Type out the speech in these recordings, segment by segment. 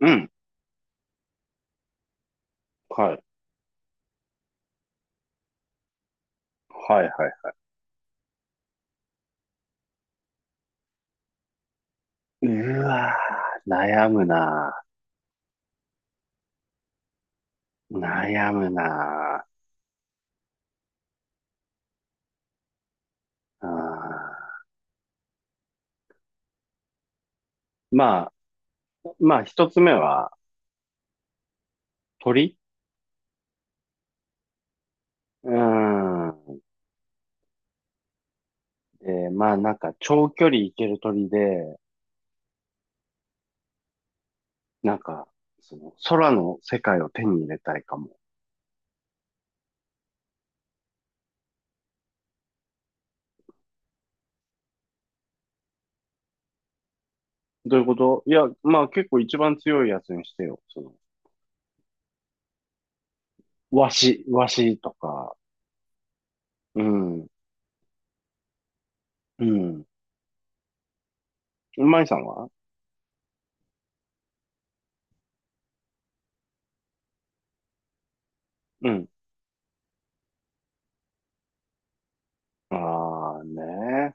うん。はい。はいはい。うわー、悩むなー、悩むなー、まあ、まあ一つ目は鳥。うーん。で、まあなんか長距離行ける鳥で、なんか、その空の世界を手に入れたいかも。どういうこと？いや、まあ結構一番強いやつにしてよ。その、ワシとか。うん。うん。マイさんは？うん。ああね。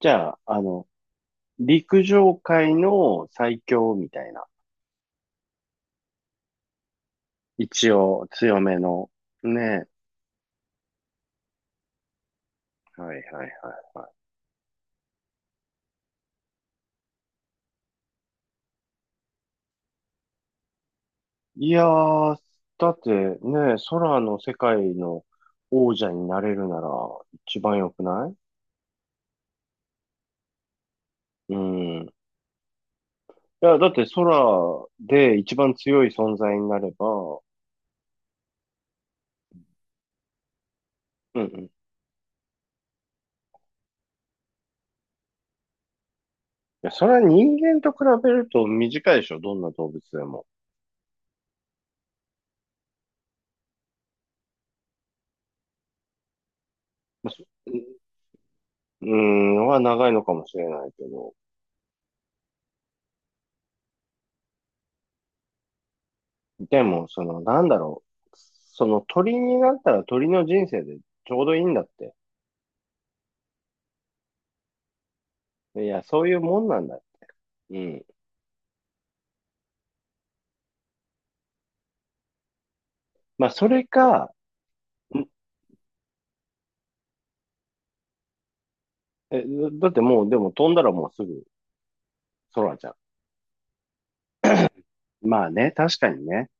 じゃあ、あの陸上界の最強みたいな。一応強めの。ね。はいはいはい。いやー、だってね、空の世界の王者になれるなら一番良くない？うん。いや、だって空で一番強い存在になれば、うんうん。いや、それは人間と比べると短いでしょ、どんな動物でも。うん、うん、は長いのかもしれないけど。でも、その、なんだろう。その鳥になったら鳥の人生でちょうどいいんだって。いや、そういうもんなんだ。うん。まあ、それか、んえ、だってもう、でも飛んだらもうすぐ空じゃん。まあね、確かにね。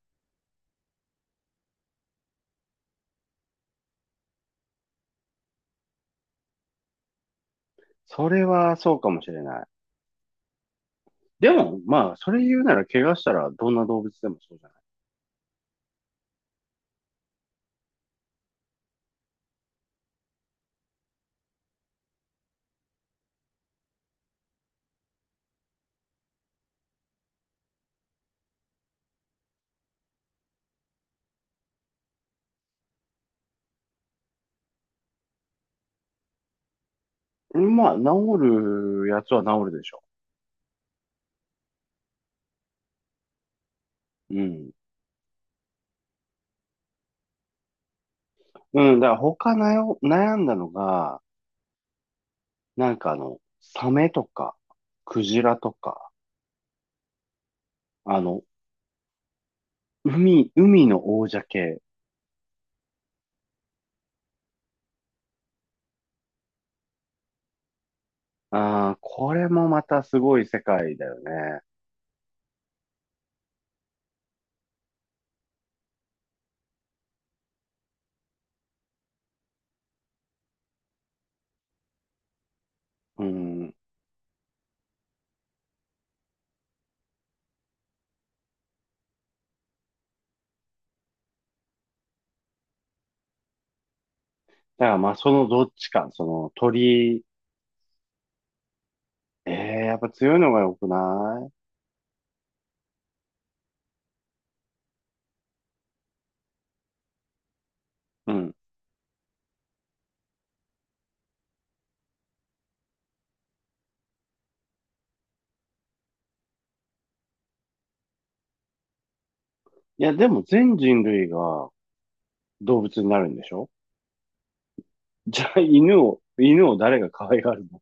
それはそうかもしれない。でも、まあ、それ言うなら怪我したらどんな動物でもそうじゃない？まあ、治るやつは治るでしょう。うん。うん、だから他なよ悩んだのが、なんかあの、サメとか、クジラとか、あの、海の王者系。ああ、これもまたすごい世界だよね。うん。だからまあ、そのどっちか、その鳥、ええ、やっぱ強いのが良くない？うん。いや、でも全人類が動物になるんでしょ？じゃあ犬を、誰が可愛がるの？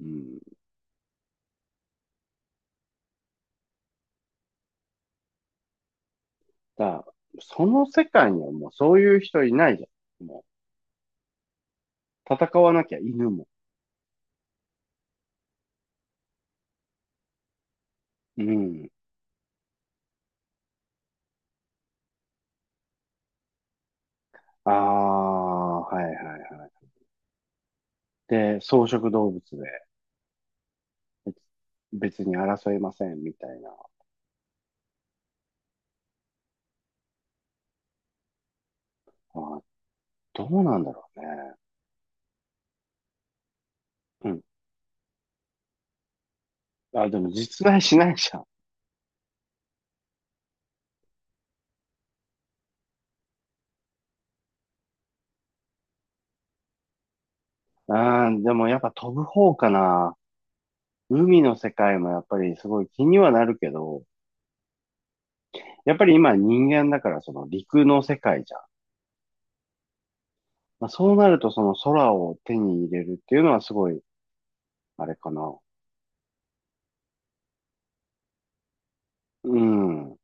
うん。だからその世界にはもうそういう人いないじゃん。もう、戦わなきゃ犬も。うん。ああ、はいはいはい。で、草食動物で。別別に争いませんみたいな。あ、どうなんだろうね。うん。あ、でも実在しないじゃん。でもやっぱ飛ぶ方かな。海の世界もやっぱりすごい気にはなるけど、やっぱり今人間だからその陸の世界じゃん。まあ、そうなるとその空を手に入れるっていうのはすごい、あれかな。うん。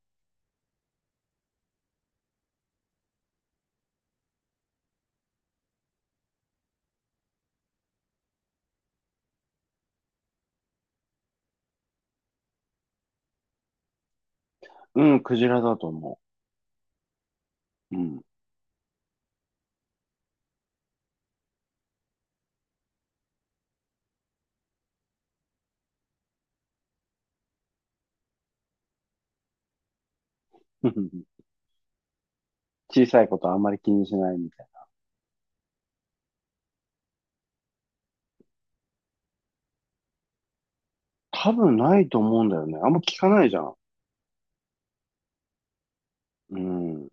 うん、クジラだと思う。うん。小さいことあんまり気にしないみたいな。多分ないと思うんだよね。あんま聞かないじゃん。うん。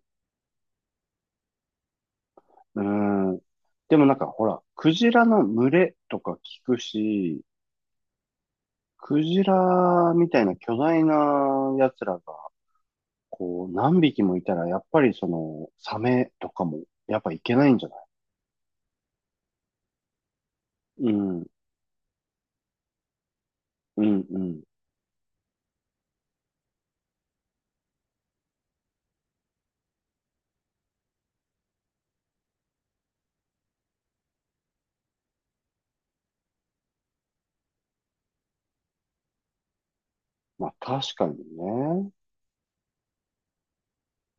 うん。でもなんかほら、クジラの群れとか聞くし、クジラみたいな巨大な奴らが、こう、何匹もいたら、やっぱりその、サメとかも、やっぱいけないんじゃない？うん、うん、うん。まあ確かにね。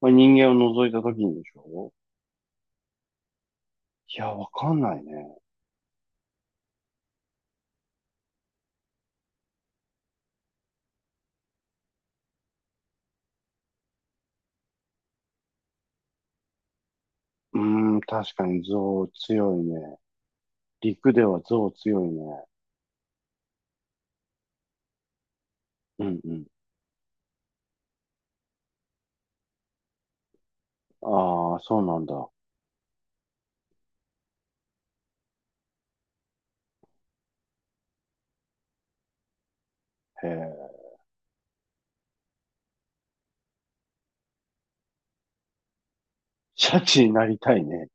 まあ人間を除いた時にでしょ？いや、わかんないね。うーん、確かに象強いね。陸では象強いね。うん、うん。ああ、そうなんだ。へえ。シャチになりたいね。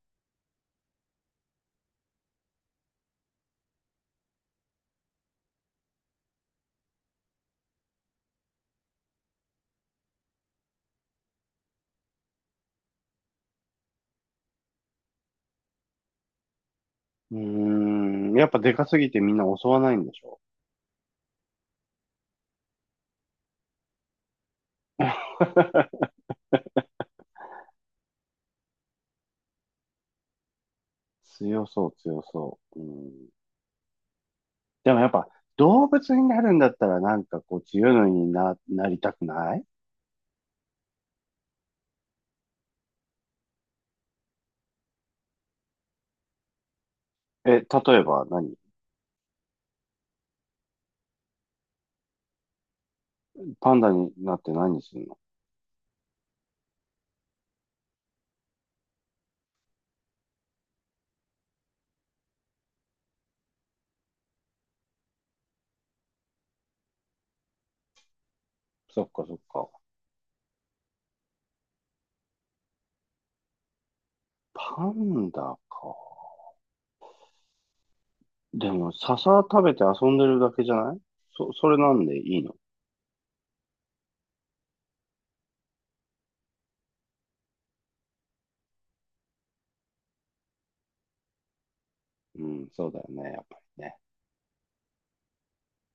うーん。やっぱでかすぎてみんな襲わないんでしょ？ 強そう、強そう。うん。でもやっぱ動物になるんだったらなんかこう強いのにな、なりたくない？え、例えば何？パンダになって何するの？そっかそっか。パンダか。でも笹食べて遊んでるだけじゃない？それなんでいいの？うん、そうだよね、やっぱりね。